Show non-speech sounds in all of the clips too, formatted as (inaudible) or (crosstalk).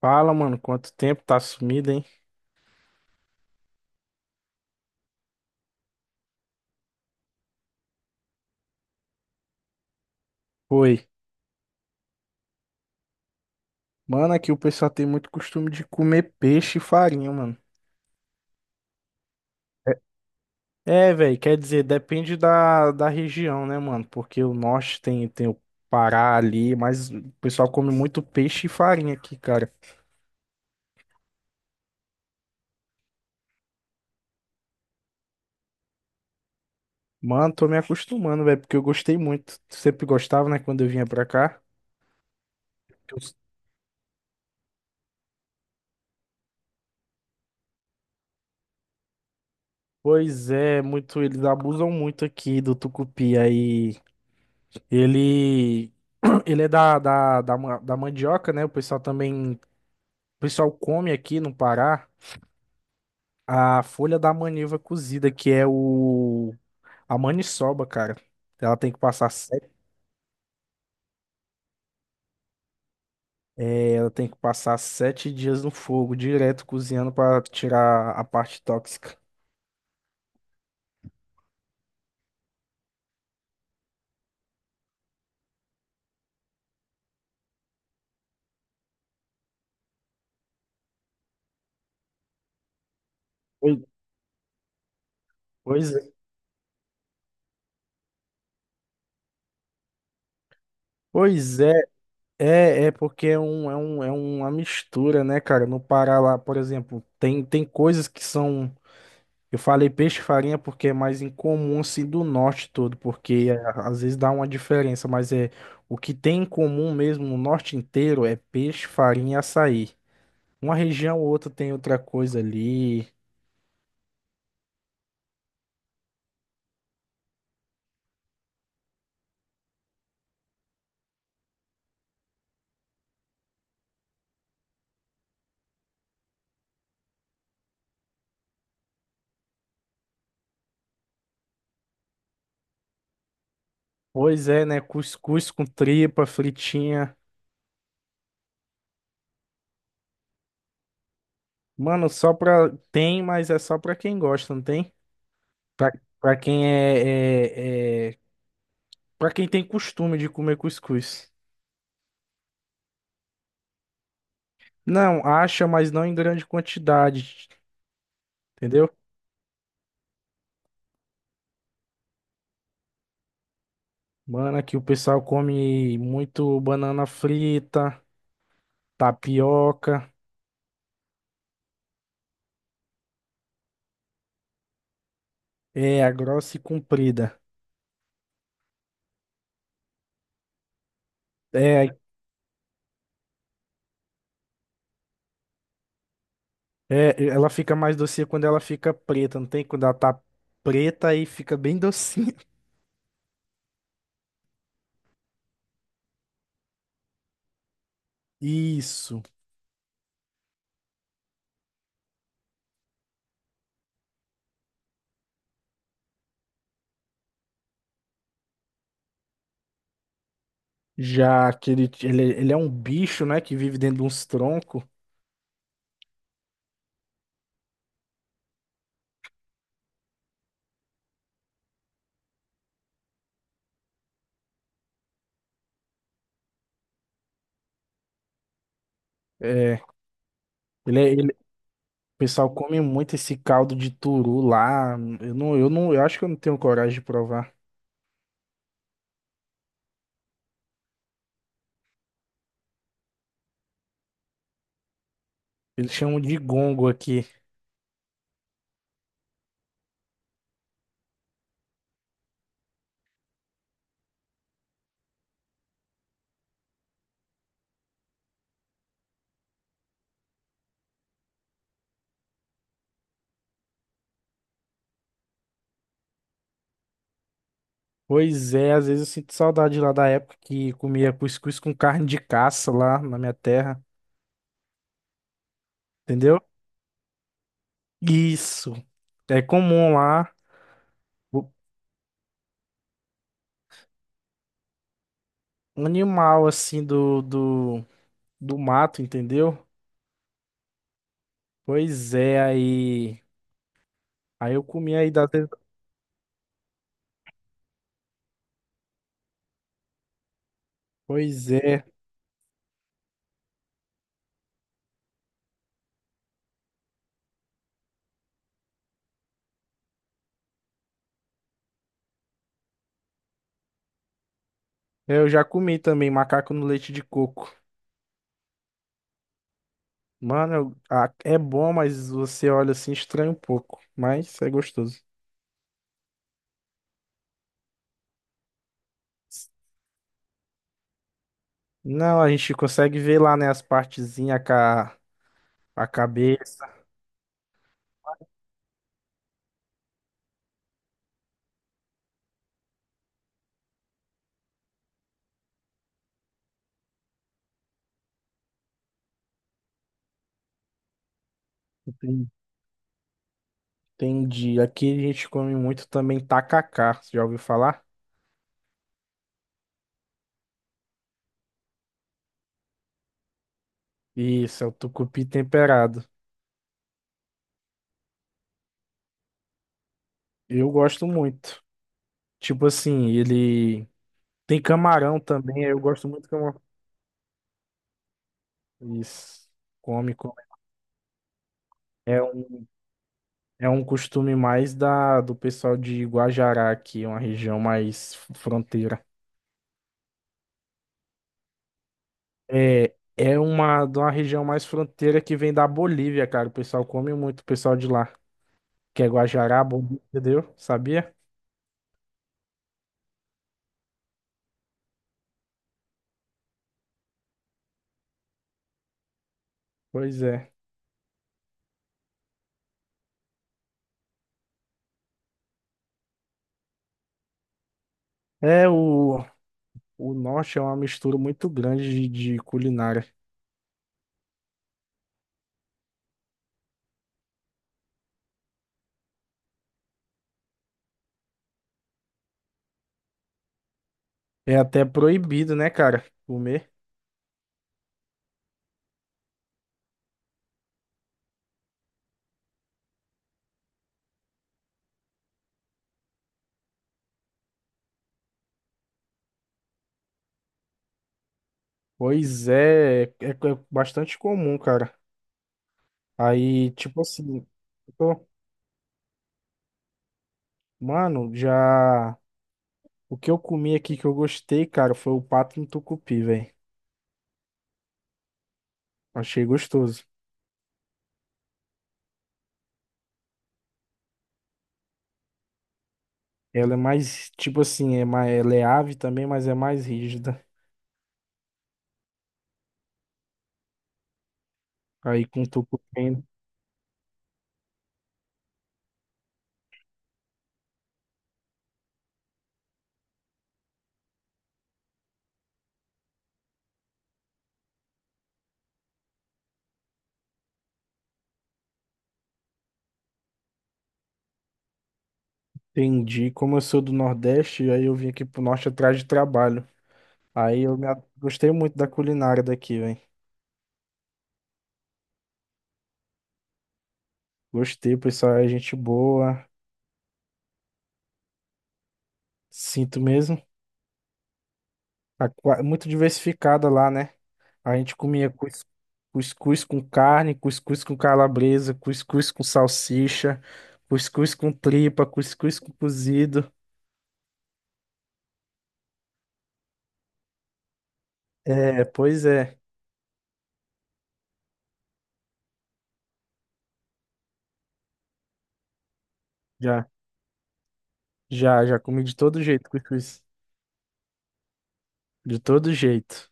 Fala, mano, quanto tempo tá sumido, hein? Foi. Mano, aqui o pessoal tem muito costume de comer peixe e farinha, mano. É, é, velho, quer dizer, depende da região, né, mano? Porque o norte tem o Pará ali, mas o pessoal come muito peixe e farinha aqui, cara. Mano, tô me acostumando, velho, porque eu gostei muito. Sempre gostava, né, quando eu vinha pra cá. Eu- Pois é, muito, eles abusam muito aqui do tucupi aí. Ele, (clears throat) ele é da mandioca, né? O pessoal come aqui no Pará a folha da maniva cozida, que é o a maniçoba, cara. Ela tem que passar sete, ela tem que passar sete dias no fogo, direto cozinhando para tirar a parte tóxica. Pois pois é. Pois é, porque é uma mistura, né, cara? No Pará lá, por exemplo, tem coisas que são. Eu falei peixe e farinha porque é mais incomum assim do norte todo, porque é, às vezes dá uma diferença, mas é o que tem em comum mesmo no norte inteiro é peixe, farinha e açaí. Uma região ou outra tem outra coisa ali. Pois é, né? Cuscuz com tripa, fritinha. Mano, só pra. Tem, mas é só pra quem gosta, não tem? Pra, pra quem é, é, é. Pra quem tem costume de comer cuscuz. Não, acha, mas não em grande quantidade, entendeu? Mano, aqui o pessoal come muito banana frita, tapioca. É, a grossa e comprida. É, é, ela fica mais docinha quando ela fica preta, não tem? Quando ela tá preta aí fica bem docinha. (laughs) Isso. Já que ele é um bicho, né, que vive dentro de uns troncos. É, é, o pessoal come muito esse caldo de turu lá. Eu acho que eu não tenho coragem de provar. Eles chamam de gongo aqui. Pois é, às vezes eu sinto saudade lá da época que comia cuscuz com carne de caça lá na minha terra, entendeu? Isso. É comum lá, o animal assim do mato, entendeu? Pois é, aí. Aí eu comi aí da. Pois é. É, eu já comi também macaco no leite de coco. Mano, ah, é bom, mas você olha assim, estranha um pouco. Mas é gostoso. Não, a gente consegue ver lá, né, as partezinhas, a cabeça. Entendi. Aqui a gente come muito também tacacá, você já ouviu falar? Isso, é o tucupi temperado. Eu gosto muito. Tipo assim, ele tem camarão também, eu gosto muito de camarão. Isso. Come, come. É um, é um costume mais do pessoal de Guajará aqui, uma região mais fronteira. É, de uma região mais fronteira que vem da Bolívia, cara. O pessoal come muito, o pessoal de lá, que é Guajará, Bolívia, entendeu? Sabia? Pois é. É o O norte é uma mistura muito grande de culinária. É até proibido, né, cara? Comer. Pois é, bastante comum, cara. Aí, tipo assim, eu- mano, já. O que eu comi aqui que eu gostei, cara, foi o pato no tucupi, velho. Achei gostoso. Ela é mais, tipo assim, é mais, ela é ave também, mas é mais rígida. Aí com tucupi, entendi. Como eu sou do Nordeste, aí eu vim aqui pro Norte atrás de trabalho. Aí eu gostei muito da culinária daqui, velho. Gostei, o pessoal é gente boa. Sinto mesmo. Muito diversificada lá, né? A gente comia cuscuz com carne, cuscuz com calabresa, cuscuz com salsicha, cuscuz com tripa, cuscuz com cozido. É, pois é. Já, já, já comi de todo jeito cuscuz. De todo jeito.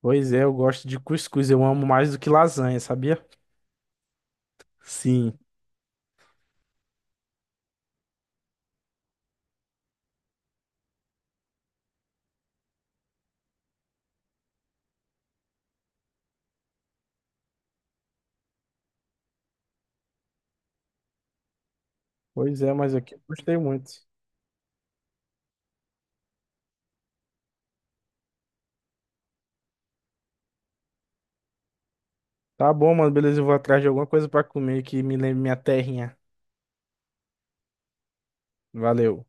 Pois é, eu gosto de cuscuz. Eu amo mais do que lasanha, sabia? Sim. Pois é, mas aqui eu gostei muito. Tá bom, mano, beleza. Eu vou atrás de alguma coisa pra comer que me lembre minha terrinha. Valeu.